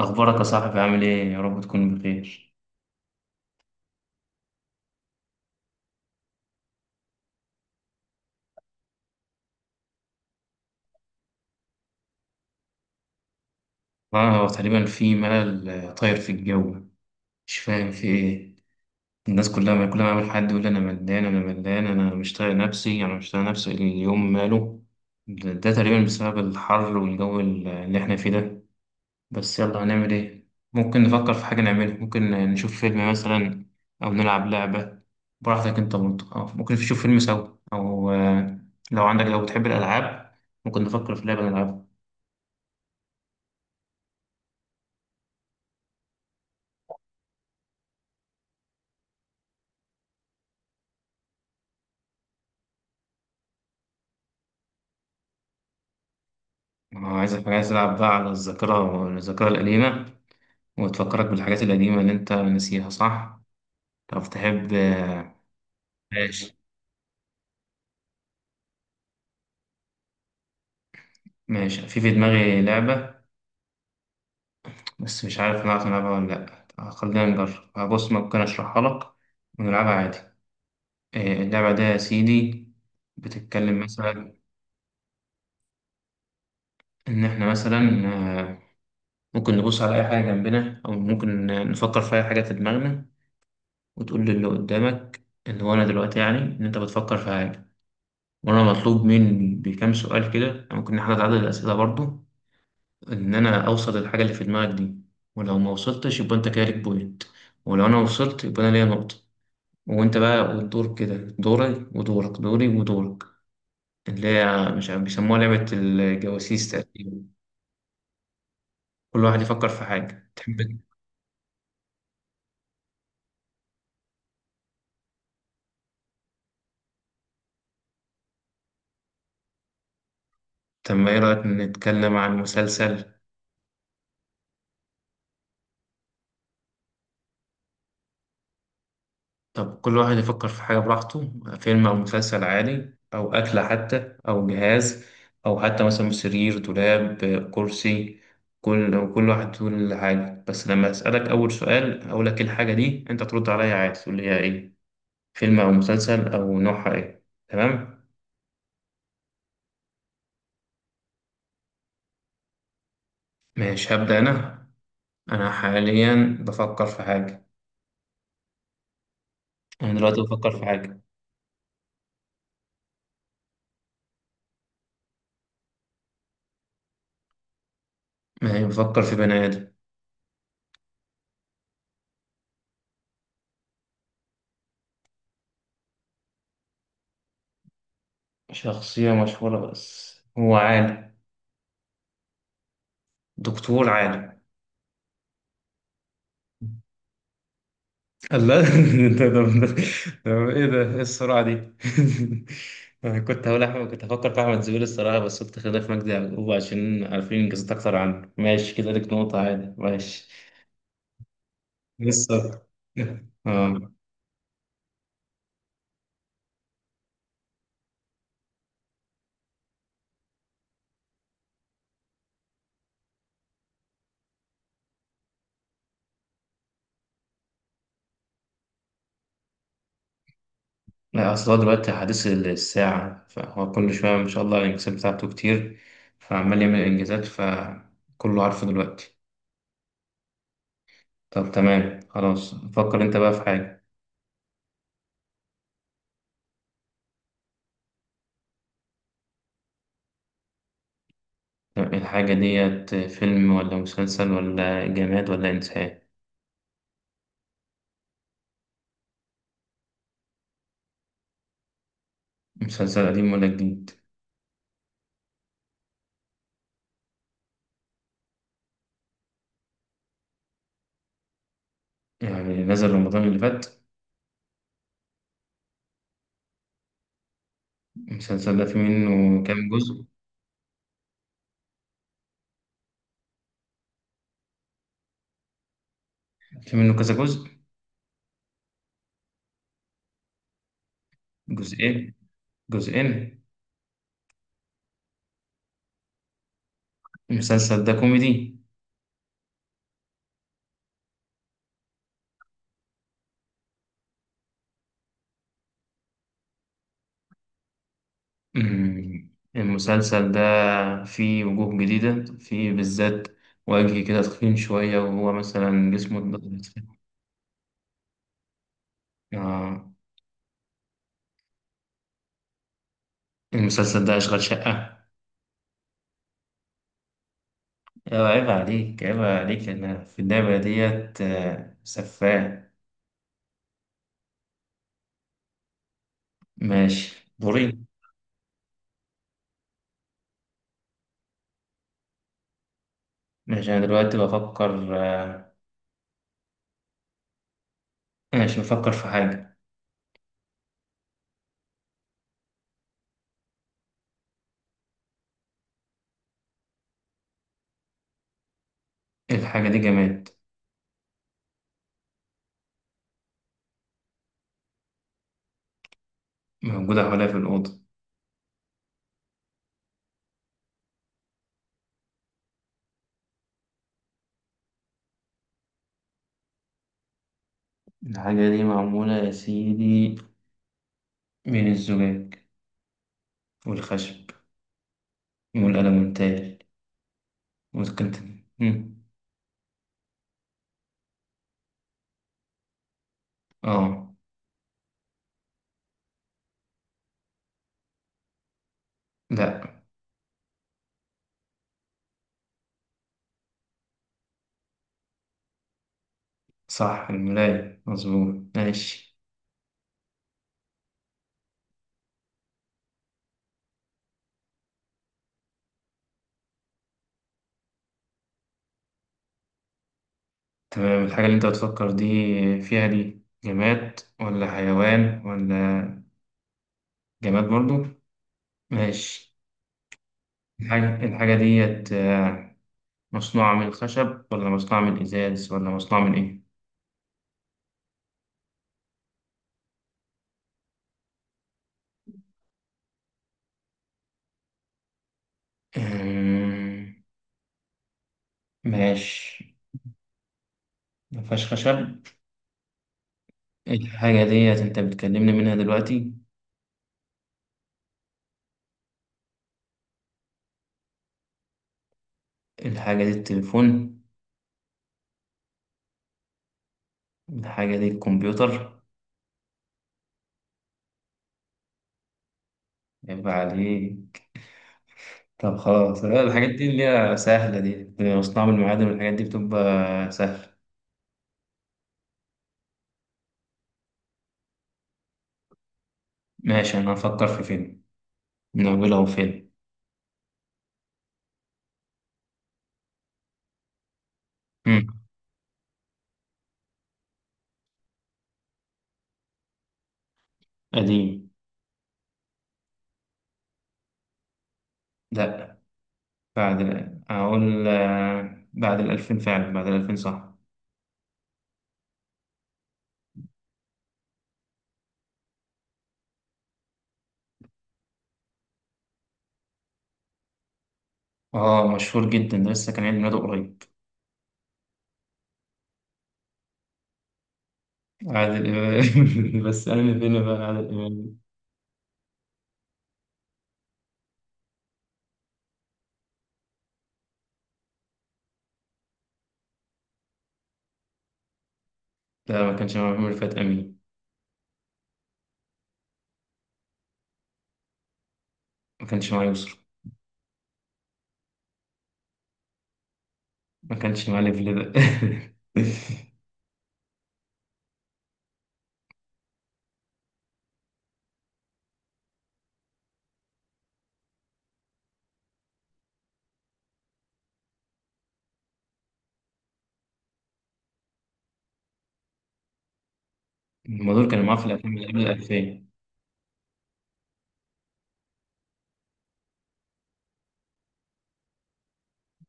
أخبارك يا صاحبي عامل إيه؟ يا رب تكون بخير. هو تقريبا في ملل، طاير في الجو. مش فاهم في إيه. الناس كلها، ما كل ما أقابل حد يقول أنا ملان أنا ملان أنا مش طايق نفسي أنا مش طايق نفسي، اليوم ماله. ده تقريبا بسبب الحر والجو اللي إحنا فيه ده. بس يلا هنعمل إيه؟ ممكن نفكر في حاجة نعملها، ممكن نشوف فيلم مثلا أو نلعب لعبة. براحتك أنت برضه، أو ممكن نشوف فيلم سوا أو لو بتحب الألعاب، ممكن نفكر في لعبة نلعبها. أنا عايزك، عايز تلعب بقى على الذاكرة القديمة، وتفكرك بالحاجات القديمة اللي أنت ناسيها، صح؟ طب تحب. ماشي. ماشي، في دماغي لعبة، بس مش عارف نعرف نلعبها ولا لأ. طب خلينا نجرب، بص ممكن أشرحها لك ونلعبها عادي. إيه، اللعبة دي يا سيدي بتتكلم مثلا، إن إحنا مثلا آه، ممكن نبص على أي حاجة جنبنا، أو ممكن نفكر في أي حاجة في دماغنا، وتقول للي قدامك، اللي هو أنا دلوقتي، يعني إن أنت بتفكر في حاجة. وانا مطلوب مني بكام سؤال كده، يعني ممكن نحاول عدد الاسئله برضو، ان انا اوصل للحاجه اللي في دماغك دي. ولو ما وصلتش يبقى انت كده ليك بوينت، ولو انا وصلت يبقى انا ليا نقطه. وانت بقى، والدور كده دوري ودورك، دوري ودورك، اللي هي مش عارف بيسموها لعبه الجواسيس تقريبا. كل واحد يفكر في حاجه تحب. طب ما ايه رايك نتكلم عن مسلسل؟ طب كل واحد يفكر في حاجة براحته، فيلم أو مسلسل عادي، أو أكلة حتى، أو جهاز، أو حتى مثلا سرير، دولاب، كرسي. كل واحد يقول حاجة، بس لما أسألك أول سؤال أقول لك إيه الحاجة دي أنت ترد عليا عادي تقول لي هي إيه، فيلم أو مسلسل أو نوعها إيه. تمام. ماشي هبدأ أنا. أنا حاليا بفكر في حاجة. أنا دلوقتي بفكر في حاجة. ما هي بفكر في بني آدم، شخصية مشهورة بس هو عالم، دكتور عالم. الله ده ده- ده- ده ايه السرعة دي أنا كنت هقول أحمد، كنت هفكر في أحمد زويل الصراحة، بس قلت خلينا في مجدي يعقوب عشان عارفين إنجازات أكتر عنه. ماشي، كده ليك نقطة عادي. ماشي. لسه. آه لا أصل هو دلوقتي حديث الساعة، فهو كل شوية ما شاء الله الإنجازات بتاعته كتير، فعمال يعمل إنجازات فكله عارفه دلوقتي. طب تمام خلاص، فكر أنت بقى في حاجة. الحاجة ديت فيلم ولا مسلسل ولا جماد ولا إنسان؟ مسلسل قديم ولا جديد؟ يعني نزل رمضان اللي فات؟ المسلسل ده في منه كام جزء؟ في منه كذا جزء. جزئين. جزئين. المسلسل ده كوميدي. أمم، المسلسل ده فيه وجوه جديدة، فيه بالذات وجه كده تخين شوية، وهو مثلا جسمه اتضرب. آه، المسلسل ده أشغال شقة. أيوة، عيب عليك عيب عليك، أنا في اللعبة ديت، سفاه. ماشي دوري. ماشي أنا دلوقتي بفكر، ماشي نفكر في حاجة. الحاجة دي جماد. موجودة حواليا في الأوضة. الحاجة دي معمولة يا سيدي من الزجاج والخشب والألمنتال. ممكن تن- مم. اه لا. صح، الملاية مظبوط. ماشي. تمام، الحاجة اللي انت بتفكر دي فيها دي جماد ولا حيوان ولا؟ جماد برضو. ماشي، الحاجة ديت مصنوعة من الخشب ولا مصنوعة من الإزاز ولا مصنوعة من إيه؟ آه، ماشي. مفيهاش خشب. الحاجة ديت انت بتكلمني منها دلوقتي؟ الحاجة دي التليفون؟ الحاجة دي الكمبيوتر؟ يبقى عليه. طب خلاص، لا، الحاجات دي اللي هي سهلة دي مصنوعة من المعادن والحاجات دي بتبقى سهلة. ماشي، أنا هفكر في فيلم. نقول أهو فيلم. مم. قديم. لأ، أقول، بعد الألفين، فعلا بعد الألفين صح. اه مشهور جدا ده، لسه كان عيد ميلاده قريب. عادل إمام بس أنا فين بقى عادل إمام. لا ما كانش معاه محمود، رفعت أمين. ما كانش معاه يسرا. ما كانش معاه ليفل ده. هما دول كانوا معاه في الأفلام اللي قبل الألفية.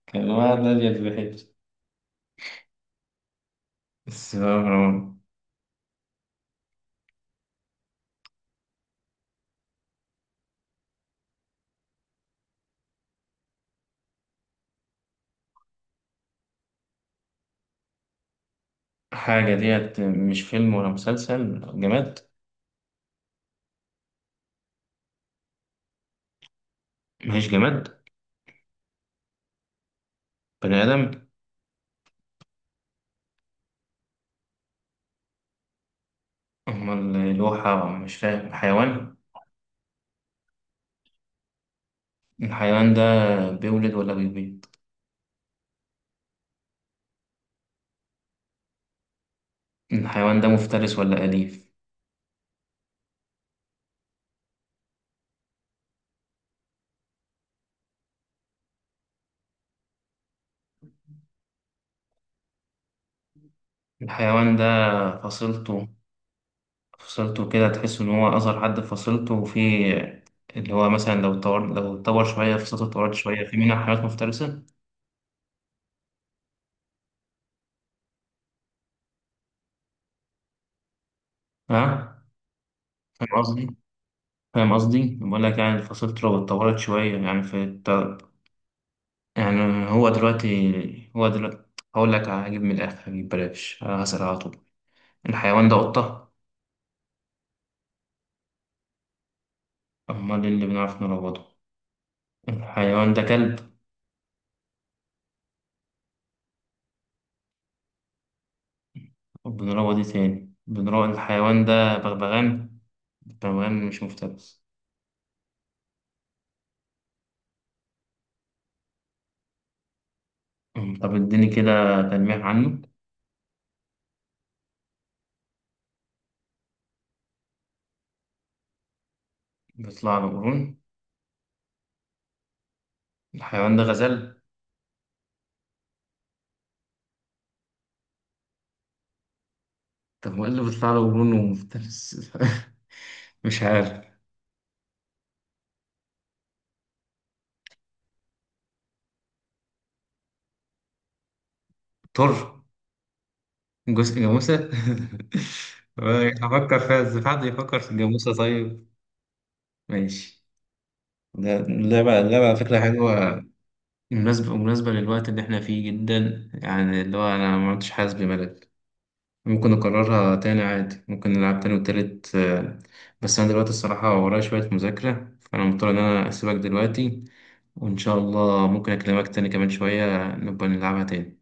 كان معاه نادية البحيث. بس بقى مروان. حاجة ديت مش فيلم ولا مسلسل جماد؟ ماهيش جماد. بني آدم؟ أمال الواحة مش فاهم، حيوان؟ الحيوان ده بيولد ولا بيبيض؟ الحيوان ده مفترس ولا أليف؟ الحيوان ده فصيلته، فصلته كده تحس إن هو أصغر حد في فصلته، وفي اللي هو مثلا لو اتطور شوية فصلته اتطورت شوية، في منها حيوانات مفترسة. ها؟ فاهم قصدي؟ فاهم قصدي؟ بقول لك يعني فصلته لو اتطورت شوية يعني في الت-. يعني هو دلوقتي، هقول لك، هجيب من الآخر هجيب بلاش هسأل على طول. الحيوان ده قطة؟ أمال إيه اللي بنعرف نروضه؟ الحيوان ده كلب؟ وبنروض إيه تاني؟ بنروض الحيوان ده بغبغان. البغبغان مش مفترس. طب اديني كده تلميح عنه. بيطلع له قرون. الحيوان ده غزال؟ طب هو ايه اللي بيطلع له قرون ومفترس؟ مش عارف. طر. جزء، جاموسة هفكر فيها ازاي، في حد يفكر في الجاموسة؟ طيب. ماشي. ده اللعبة، اللعبة على فكرة حلوة. مناسبة للوقت اللي احنا فيه جدا يعني، اللي هو أنا ما عدتش حاسس بملل. ممكن نكررها تاني عادي، ممكن نلعب تاني وتالت، بس أنا دلوقتي الصراحة ورايا شوية مذاكرة فأنا مضطر إن أنا أسيبك دلوقتي، وإن شاء الله ممكن أكلمك تاني كمان شوية نبقى نلعبها تاني.